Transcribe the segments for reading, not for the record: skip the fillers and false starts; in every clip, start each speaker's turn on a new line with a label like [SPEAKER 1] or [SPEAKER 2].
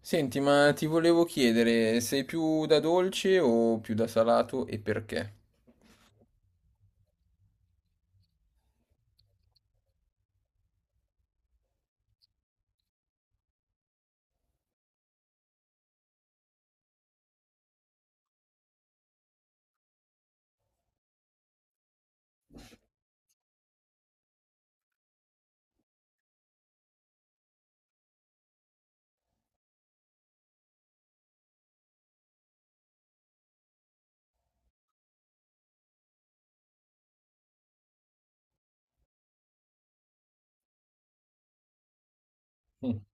[SPEAKER 1] Senti, ma ti volevo chiedere, sei più da dolce o più da salato e perché?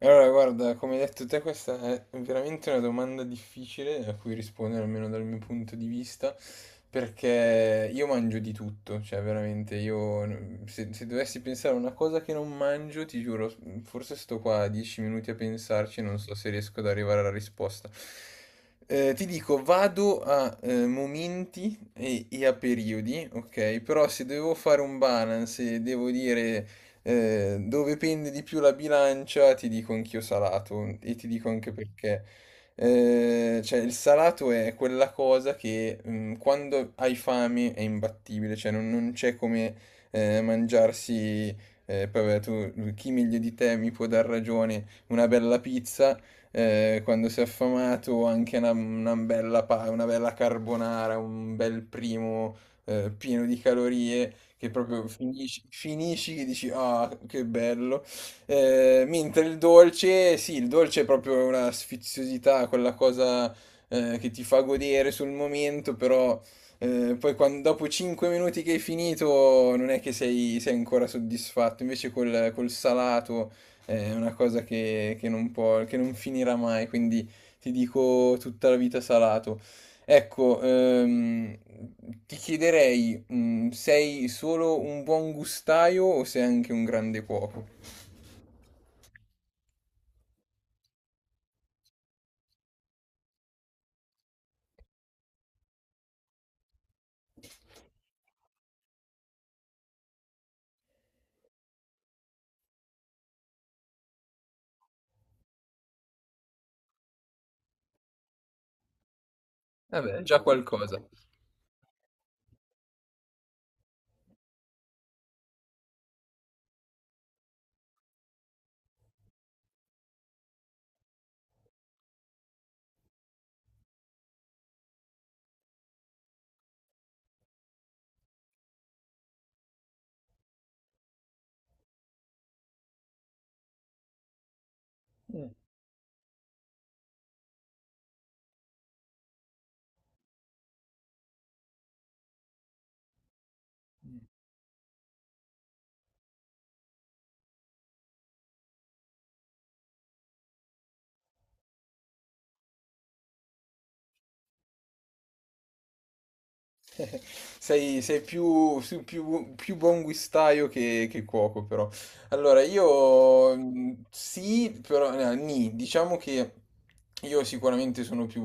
[SPEAKER 1] Allora, guarda, come hai detto te, questa è veramente una domanda difficile a cui rispondere, almeno dal mio punto di vista, perché io mangio di tutto, cioè veramente io, se dovessi pensare a una cosa che non mangio, ti giuro, forse sto qua dieci minuti a pensarci e non so se riesco ad arrivare alla risposta. Ti dico, vado a momenti e a periodi, ok? Però se devo fare un balance e devo dire dove pende di più la bilancia, ti dico anch'io salato e ti dico anche perché. Cioè, il salato è quella cosa che quando hai fame è imbattibile, cioè non c'è come mangiarsi, poi vabbè, tu, chi meglio di te mi può dar ragione, una bella pizza. Quando sei affamato, anche una bella, una bella carbonara, un bel primo pieno di calorie, che proprio finisci che dici ah, che bello. Mentre il dolce, sì, il dolce è proprio una sfiziosità, quella cosa che ti fa godere sul momento, però poi dopo 5 minuti che hai finito non è che sei ancora soddisfatto, invece col salato è una cosa che non può, che non finirà mai, quindi ti dico tutta la vita salato. Ecco, ti chiederei, sei solo un buon gustaio o sei anche un grande cuoco? Vabbè, già qualcosa. Sei più buon guistaio che cuoco, però. Allora, io sì, però no, nì, diciamo che io sicuramente sono più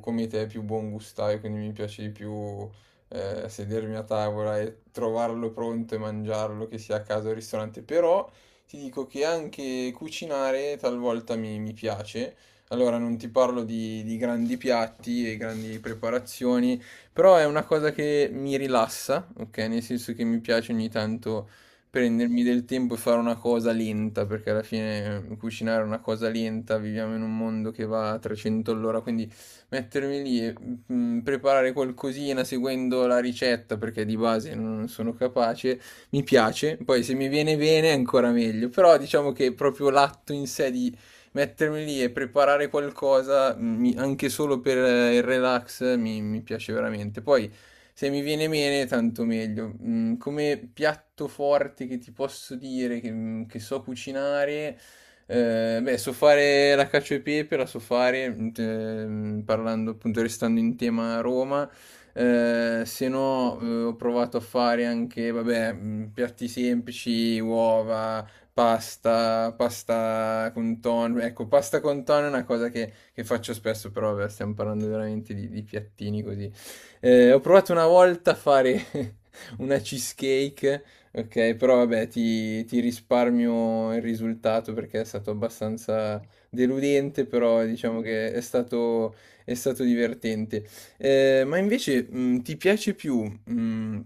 [SPEAKER 1] come te, più buon gustaio, quindi mi piace di più sedermi a tavola e trovarlo pronto e mangiarlo, che sia a casa o al ristorante. Però ti dico che anche cucinare talvolta mi piace. Allora, non ti parlo di grandi piatti e grandi preparazioni. Però è una cosa che mi rilassa, ok? Nel senso che mi piace ogni tanto prendermi del tempo e fare una cosa lenta, perché alla fine cucinare è una cosa lenta, viviamo in un mondo che va a 300 all'ora, quindi mettermi lì e preparare qualcosina seguendo la ricetta, perché di base non sono capace, mi piace. Poi se mi viene bene è ancora meglio, però diciamo che proprio l'atto in sé di mettermi lì e preparare qualcosa, anche solo per il relax, mi piace veramente. Poi, se mi viene bene, tanto meglio. Come piatto forte che ti posso dire, che so cucinare, beh, so fare la cacio e pepe, la so fare, parlando appunto, restando in tema Roma. Se no, ho provato a fare anche, vabbè, piatti semplici, uova, pasta, pasta con tonno. Ecco, pasta con tonno è una cosa che faccio spesso, però vabbè, stiamo parlando veramente di piattini così. Ho provato una volta a fare una cheesecake, ok, però vabbè, ti risparmio il risultato perché è stato abbastanza deludente, però diciamo che è stato divertente. Ma invece, ti piace più, mh,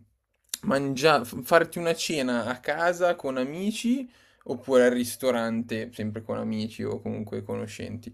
[SPEAKER 1] mangia- f- farti una cena a casa con amici oppure al ristorante, sempre con amici o comunque conoscenti.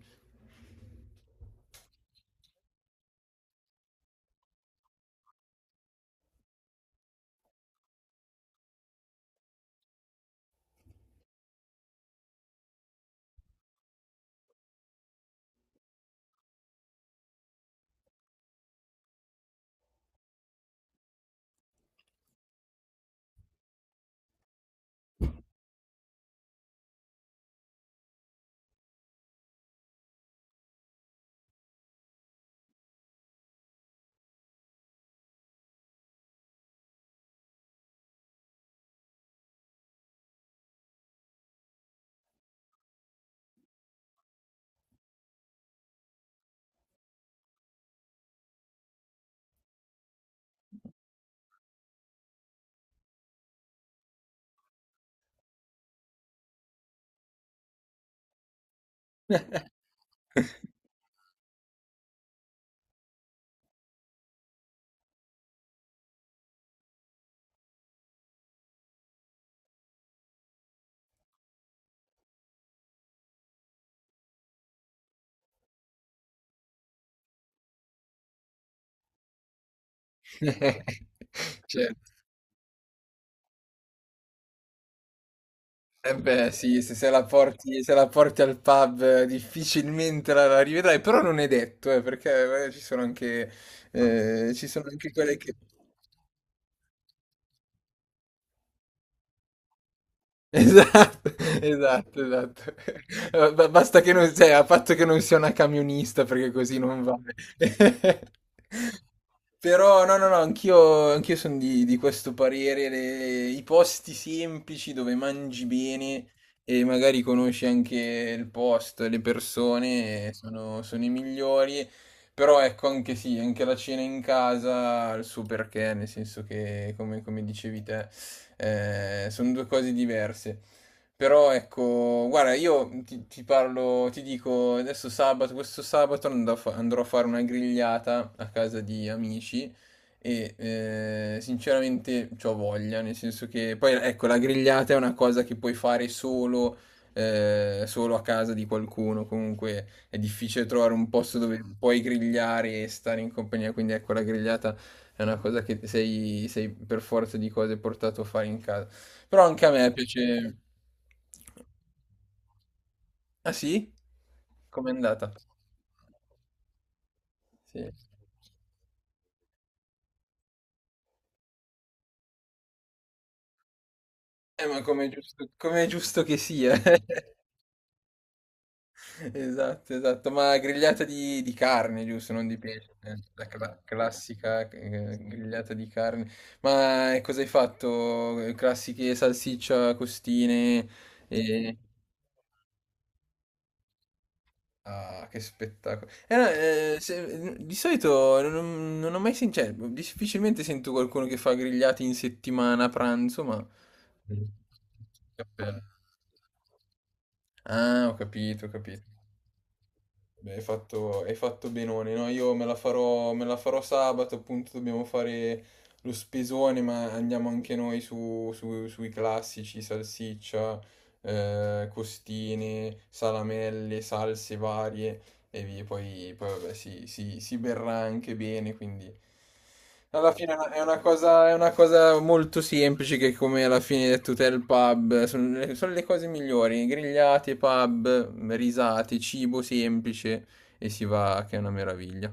[SPEAKER 1] Certo. Eh beh, sì, se la porti, se la porti al pub difficilmente la rivedrai, però non è detto, perché ci sono anche quelle che... Esatto, esatto, esatto. Ba ba Basta che non cioè, a patto che non sia una camionista perché così non vale. Però no, no, no, anch'io sono di questo parere, i posti semplici dove mangi bene e magari conosci anche il posto, le persone, sono i migliori. Però ecco, anche sì, anche la cena in casa ha il suo perché, nel senso che, come come dicevi te sono due cose diverse. Però ecco, guarda, io ti parlo, ti dico, adesso sabato, questo sabato andrò a fare una grigliata a casa di amici e sinceramente c'ho voglia, nel senso che poi ecco, la grigliata è una cosa che puoi fare solo, solo a casa di qualcuno, comunque è difficile trovare un posto dove puoi grigliare e stare in compagnia, quindi ecco, la grigliata è una cosa che sei, sei per forza di cose portato a fare in casa. Però anche a me piace. Ah sì? Com'è andata? Sì. Ma come è giusto che sia. Esatto, esatto. Ma grigliata di carne, giusto? Non di pesce. Classica grigliata di carne. Ma cosa hai fatto? Classiche salsiccia, costine. E... Ah, che spettacolo. Di solito non ho mai sentito, cioè, difficilmente sento qualcuno che fa grigliati in settimana a pranzo, ma... Cappello. Ah, ho capito, ho capito. Beh, hai fatto benone, no? Io me la farò sabato, appunto, dobbiamo fare lo spesone, ma andiamo anche noi sui classici, salsiccia, costine, salamelle, salse varie e via. Poi, poi vabbè, si berrà anche bene, quindi alla fine è una, è una cosa molto semplice che come alla fine hai detto te il pub, sono le cose migliori, grigliate, pub, risate, cibo semplice e si va che è una meraviglia.